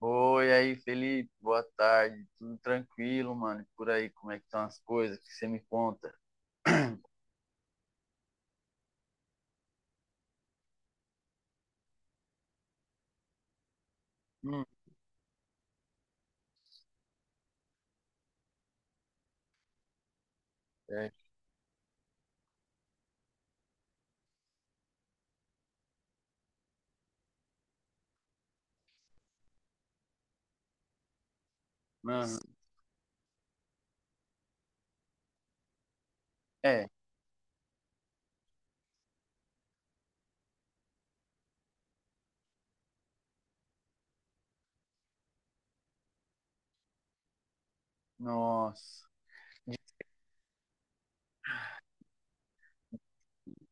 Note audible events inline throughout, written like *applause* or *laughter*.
Oi, aí, Felipe, boa tarde. Tudo tranquilo, mano? E por aí, como é que estão as coisas? O que você me conta? *clears throat* Hum, é, mano, é, nossa.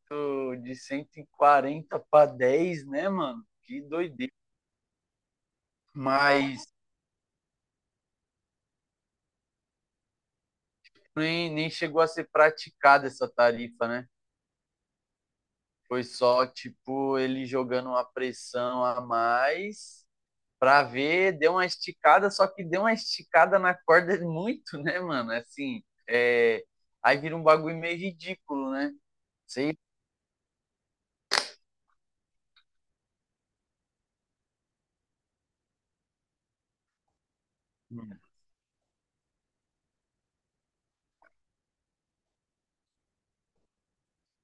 Tô De 140 para 10, né, mano? Que doideira. Mas nem chegou a ser praticada essa tarifa, né? Foi só, tipo, ele jogando uma pressão a mais pra ver, deu uma esticada, só que deu uma esticada na corda *laughs* muito, né, mano? Assim, é... aí vira um bagulho meio ridículo, né? Sei,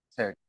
certo.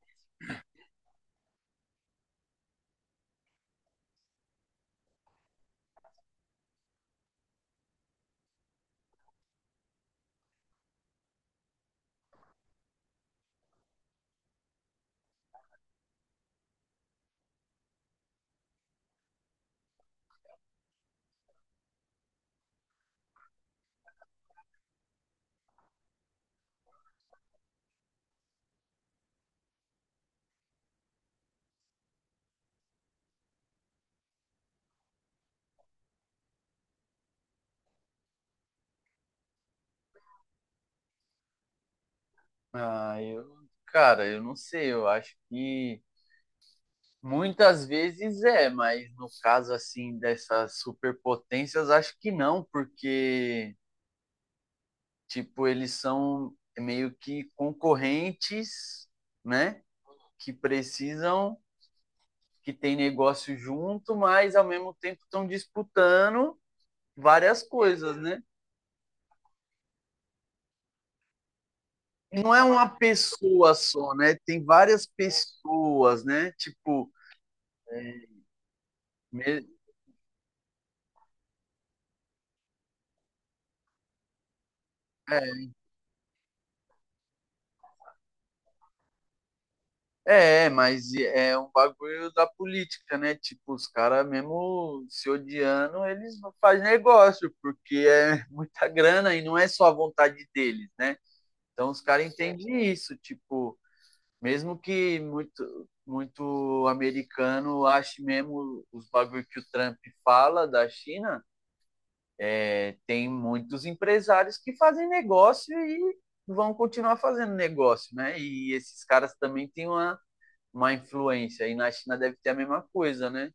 Ah, eu, cara, eu não sei, eu acho que muitas vezes é, mas no caso assim dessas superpotências, acho que não, porque tipo, eles são meio que concorrentes, né? Que precisam que tem negócio junto, mas ao mesmo tempo estão disputando várias coisas, né? Não é uma pessoa só, né? Tem várias pessoas, né? Me- é, mas é um bagulho da política, né? Tipo, os caras mesmo se odiando, eles não fazem negócio, porque é *laughs* muita grana e não é só a vontade deles, né? Então os caras entendem isso, tipo, mesmo que muito, muito americano ache mesmo os bagulho que o Trump fala da China, é, tem muitos empresários que fazem negócio e vão continuar fazendo negócio, né? E esses caras também têm uma, influência. E na China deve ter a mesma coisa, né?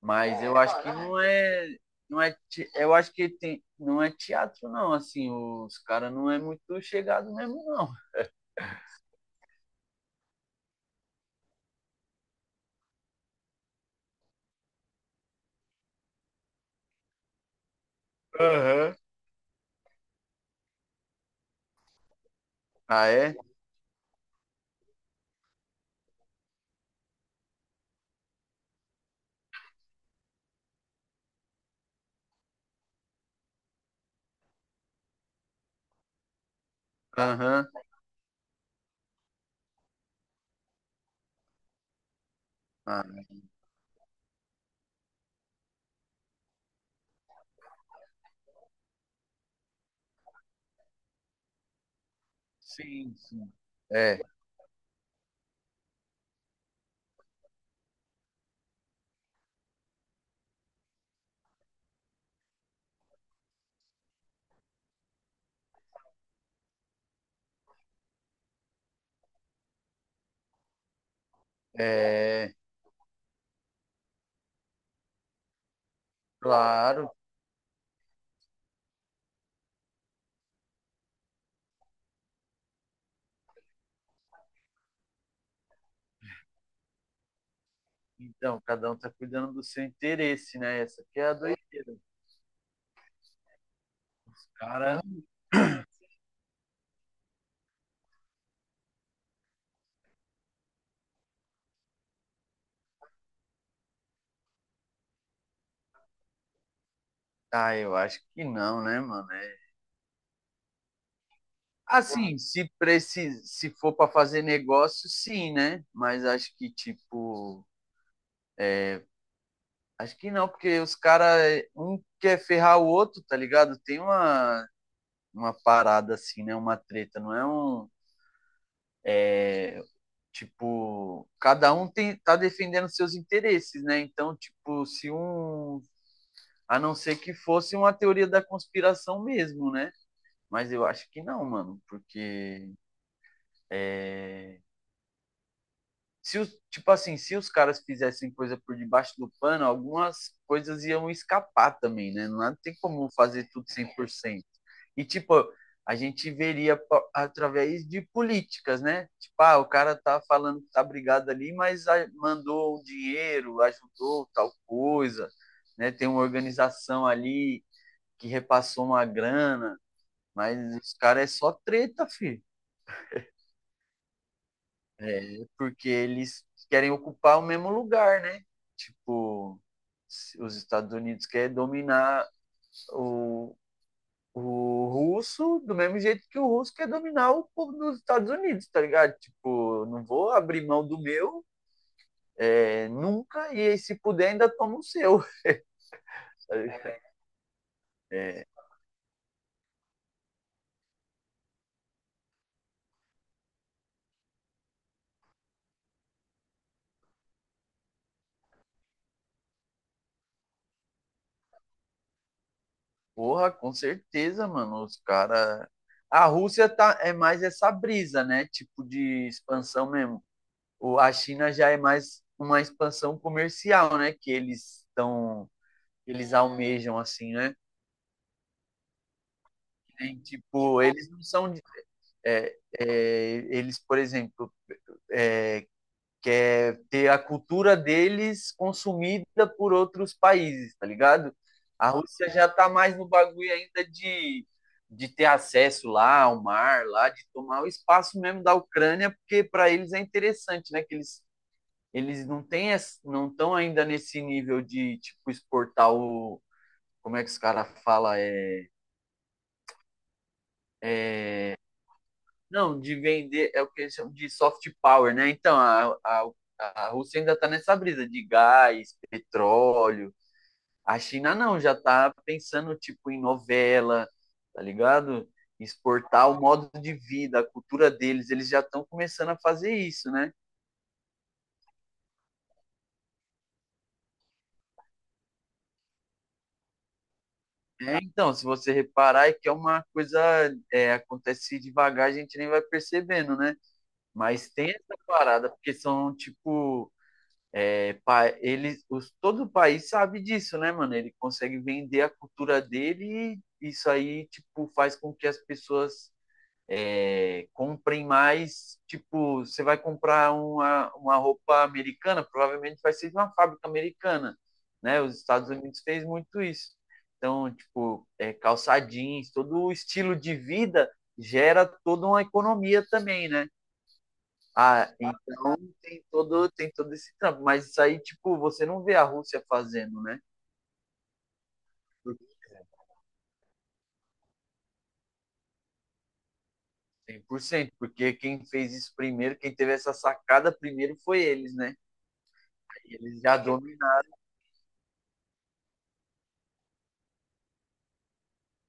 Mas é, eu acho que não é. Não é, eu acho que tem, não é teatro, não. Assim, os caras não é muito chegado mesmo, não. Aham. Uhum. Ah, é? Aham. Uhum. Ah, sim, sim. É, é, claro. Então, cada um tá cuidando do seu interesse, né? Essa que é a doideira. Os cara, ah, eu acho que não, né, mano? Assim, se precisa, se for para fazer negócio, sim, né? Mas acho que tipo, acho que não, porque os caras um quer ferrar o outro, tá ligado? Tem uma parada assim, né? Uma treta, não é um tipo, cada um tem, tá defendendo seus interesses, né? Então, tipo, se um a não ser que fosse uma teoria da conspiração mesmo, né? Mas eu acho que não, mano, porque é, se os, tipo assim, se os caras fizessem coisa por debaixo do pano, algumas coisas iam escapar também, né? Não tem como fazer tudo 100%. E tipo, a gente veria através de políticas, né? Tipo, ah, o cara tá falando que tá brigado ali, mas mandou um dinheiro, ajudou tal coisa, né? Tem uma organização ali que repassou uma grana, mas os caras é só treta, filho. Porque eles querem ocupar o mesmo lugar, né? Tipo, os Estados Unidos querem dominar o, o russo do mesmo jeito que o russo quer dominar o povo dos Estados Unidos, tá ligado? Tipo, não vou abrir mão do meu é, nunca, e aí, se puder ainda toma o seu. *laughs* É, porra, com certeza, mano. Os caras. A Rússia tá, é mais essa brisa, né? Tipo de expansão mesmo. O, a China já é mais uma expansão comercial, né? Que eles estão. Eles almejam, assim, né? Tem, tipo, eles não são. Eles, por exemplo, é, que é ter a cultura deles consumida por outros países, tá ligado? A Rússia já tá mais no bagulho ainda de, ter acesso lá ao mar, lá, de tomar o espaço mesmo da Ucrânia, porque para eles é interessante, né? Que eles não têm, não estão ainda nesse nível de, tipo, exportar o. Como é que os caras falam? É, não, de vender, é o que eles chamam de soft power, né? Então, a Rússia ainda tá nessa brisa de gás, petróleo. A China não, já tá pensando tipo em novela, tá ligado? Exportar o modo de vida, a cultura deles, eles já estão começando a fazer isso, né? É, então, se você reparar, é que é uma coisa, é, acontece devagar, a gente nem vai percebendo, né? Mas tem essa parada, porque são tipo, é, eles, os, todo o país sabe disso, né, mano? Ele consegue vender a cultura dele e isso aí, tipo, faz com que as pessoas é, comprem mais, tipo, você vai comprar uma roupa americana, provavelmente vai ser de uma fábrica americana, né? Os Estados Unidos fez muito isso. Então, tipo, é, calça jeans, todo o estilo de vida gera toda uma economia também, né? Ah, então tem todo esse trampo, mas isso aí, tipo, você não vê a Rússia fazendo, né? Por 100% porque quem fez isso primeiro, quem teve essa sacada primeiro foi eles, né? Eles já dominaram.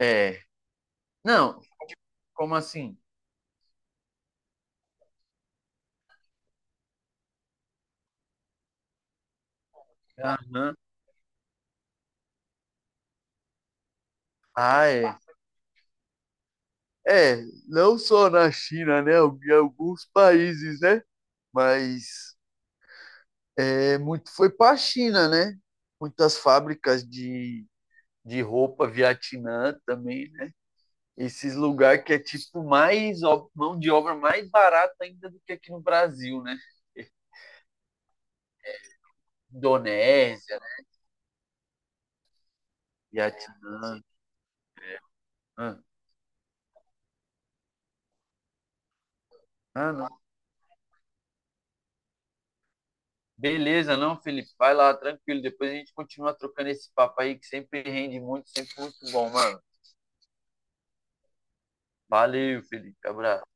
É, não, como assim? Aham. Ah, é. É, não só na China, né? Em alguns países, né? Mas é, muito foi para a China, né? Muitas fábricas de, roupa Vietnã também, né? Esses lugares que é tipo mais ó, mão de obra mais barata ainda do que aqui no Brasil, né? Indonésia, né? Vietnã. Ah, ah, não. Beleza, não, Felipe? Vai lá, tranquilo. Depois a gente continua trocando esse papo aí que sempre rende muito, sempre muito bom, mano. Valeu, Felipe. Abraço.